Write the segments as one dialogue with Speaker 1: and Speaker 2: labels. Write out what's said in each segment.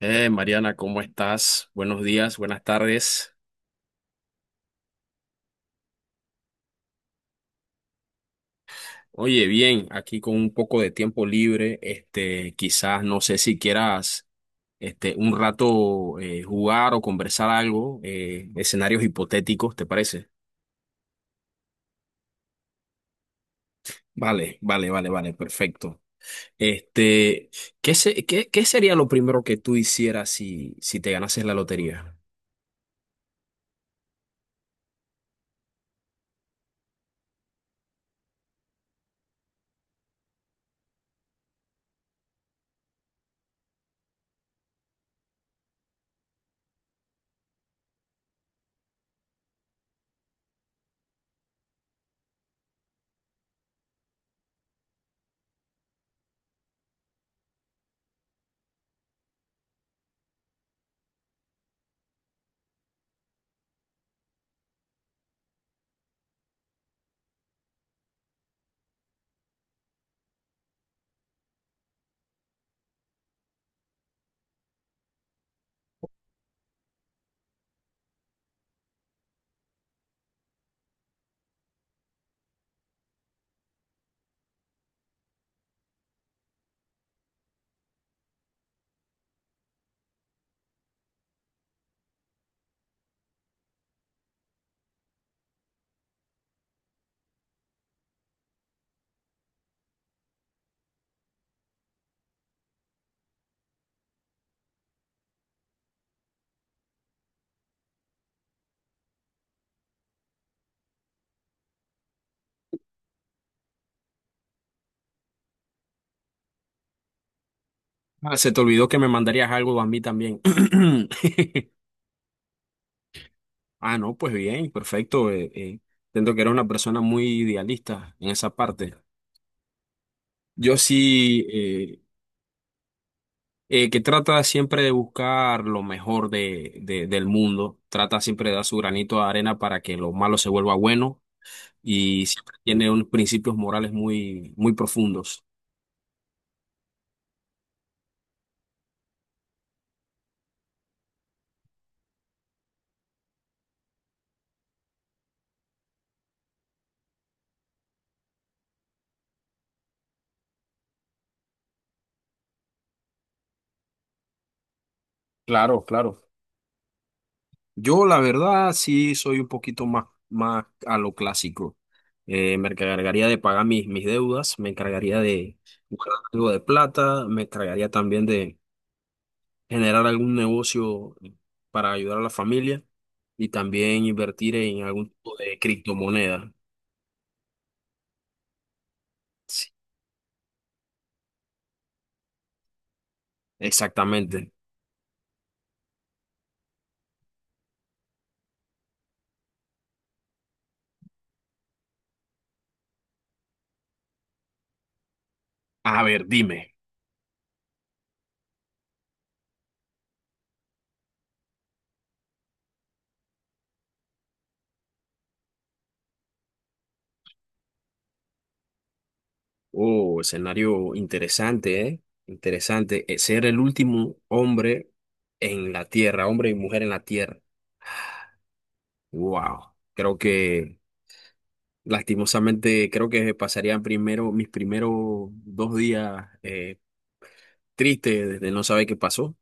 Speaker 1: Mariana, ¿cómo estás? Buenos días, buenas tardes. Oye, bien, aquí con un poco de tiempo libre, este, quizás no sé si quieras, este, un rato jugar o conversar algo, escenarios hipotéticos, ¿te parece? Vale, vale, vale, vale, perfecto. Este, ¿qué sería lo primero que tú hicieras si te ganases la lotería? Ah, se te olvidó que me mandarías algo a mí también. Ah, no, pues bien, perfecto. Siento que era una persona muy idealista en esa parte. Yo sí, que trata siempre de buscar lo mejor del mundo, trata siempre de dar su granito de arena para que lo malo se vuelva bueno y siempre tiene unos principios morales muy, muy profundos. Claro, claro. Yo, la verdad, sí soy un poquito más, más a lo clásico. Me encargaría de pagar mis deudas, me encargaría de buscar algo de plata, me encargaría también de generar algún negocio para ayudar a la familia y también invertir en algún tipo de criptomoneda. Sí, exactamente. A ver, dime. Oh, escenario interesante, ¿eh? Interesante. Ser el último hombre en la tierra, hombre y mujer en la tierra. Wow, creo que lastimosamente creo que pasarían primero mis primeros dos días tristes desde no saber qué pasó.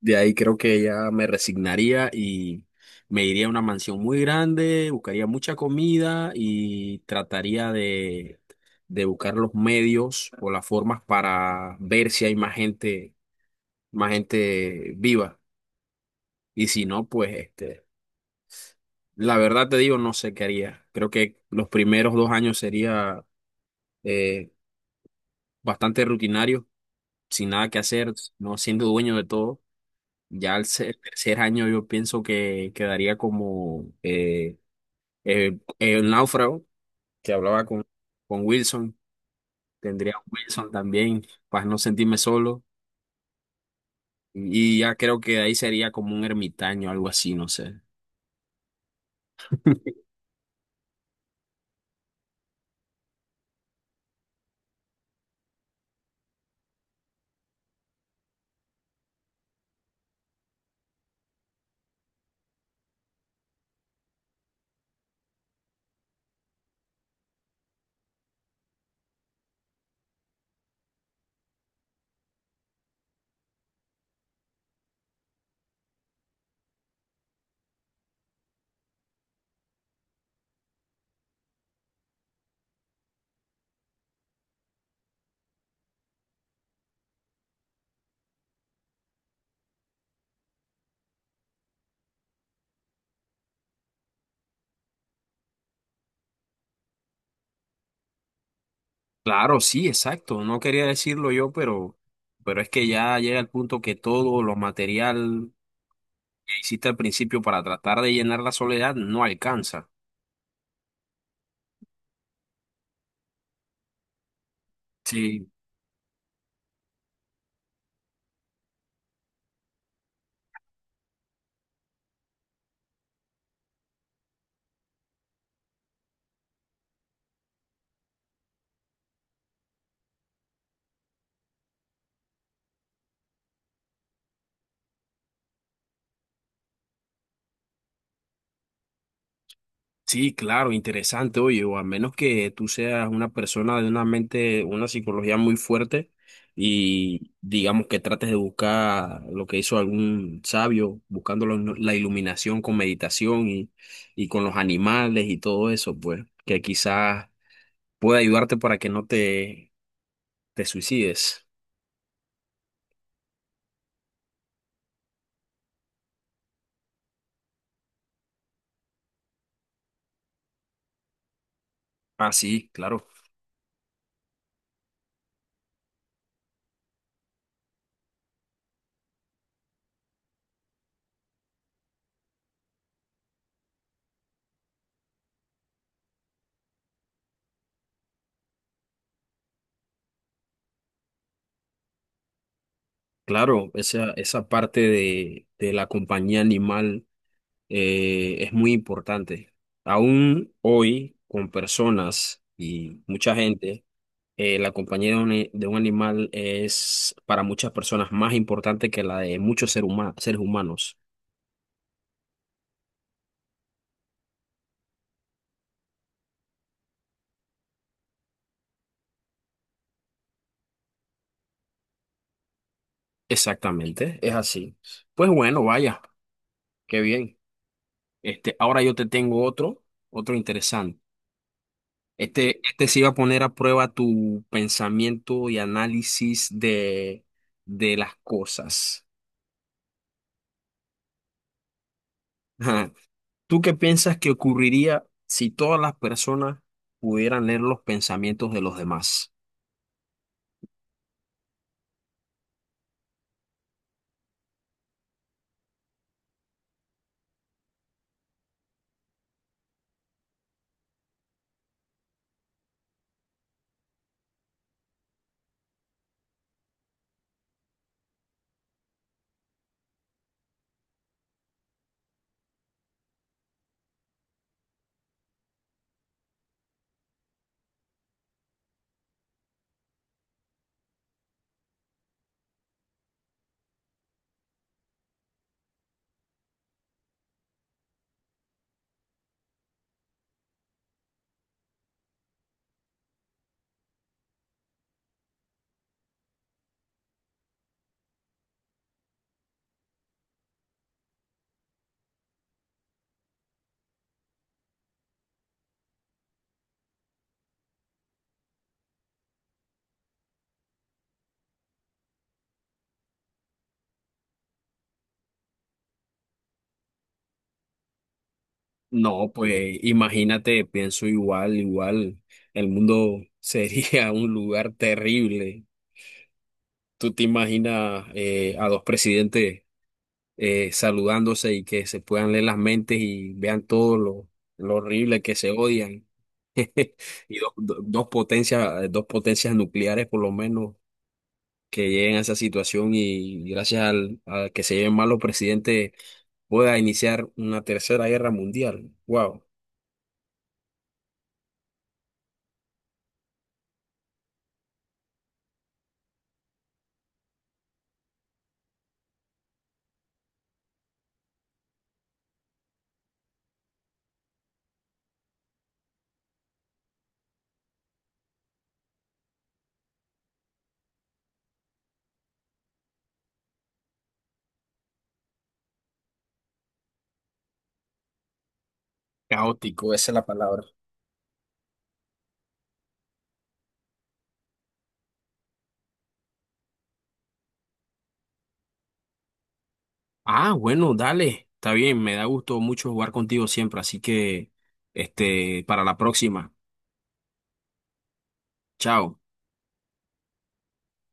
Speaker 1: De ahí creo que ya me resignaría y me iría a una mansión muy grande, buscaría mucha comida y trataría de buscar los medios o las formas para ver si hay más gente viva. Y si no, pues este, la verdad te digo, no sé qué haría. Creo que los primeros dos años sería eh, bastante rutinario, sin nada que hacer, no siendo dueño de todo. Ya al tercer año yo pienso que quedaría como el náufrago que hablaba con Wilson. Tendría a Wilson también para no sentirme solo. Y ya creo que ahí sería como un ermitaño, algo así, no sé. Claro, sí, exacto. No quería decirlo yo, pero es que ya llega el punto que todo lo material que hiciste al principio para tratar de llenar la soledad no alcanza. Sí, sí, claro, interesante, oye, o a menos que tú seas una persona de una mente, una psicología muy fuerte y digamos que trates de buscar lo que hizo algún sabio, buscando la iluminación con meditación y con los animales y todo eso, pues, que quizás pueda ayudarte para que no te, te suicides. Ah, sí, claro, claro, esa parte de la compañía animal. Es muy importante. Aún hoy, con personas y mucha gente, la compañía de un animal es para muchas personas más importante que la de muchos seres humanos. Exactamente, es así. Pues bueno, vaya, qué bien. Este, ahora yo te tengo otro, otro interesante. Este sí va a poner a prueba tu pensamiento y análisis de las cosas. ¿Tú qué piensas que ocurriría si todas las personas pudieran leer los pensamientos de los demás? No, pues imagínate, pienso igual, igual, el mundo sería un lugar terrible. ¿Tú te imaginas a dos presidentes saludándose y que se puedan leer las mentes y vean todo lo horrible que se odian? Y dos, dos potencias, dos potencias nucleares por lo menos que lleguen a esa situación y gracias al, a que se lleven mal los presidentes pueda iniciar una tercera guerra mundial. Wow, caótico, esa es la palabra. Ah, bueno, dale, está bien, me da gusto mucho jugar contigo siempre, así que este, para la próxima. Chao.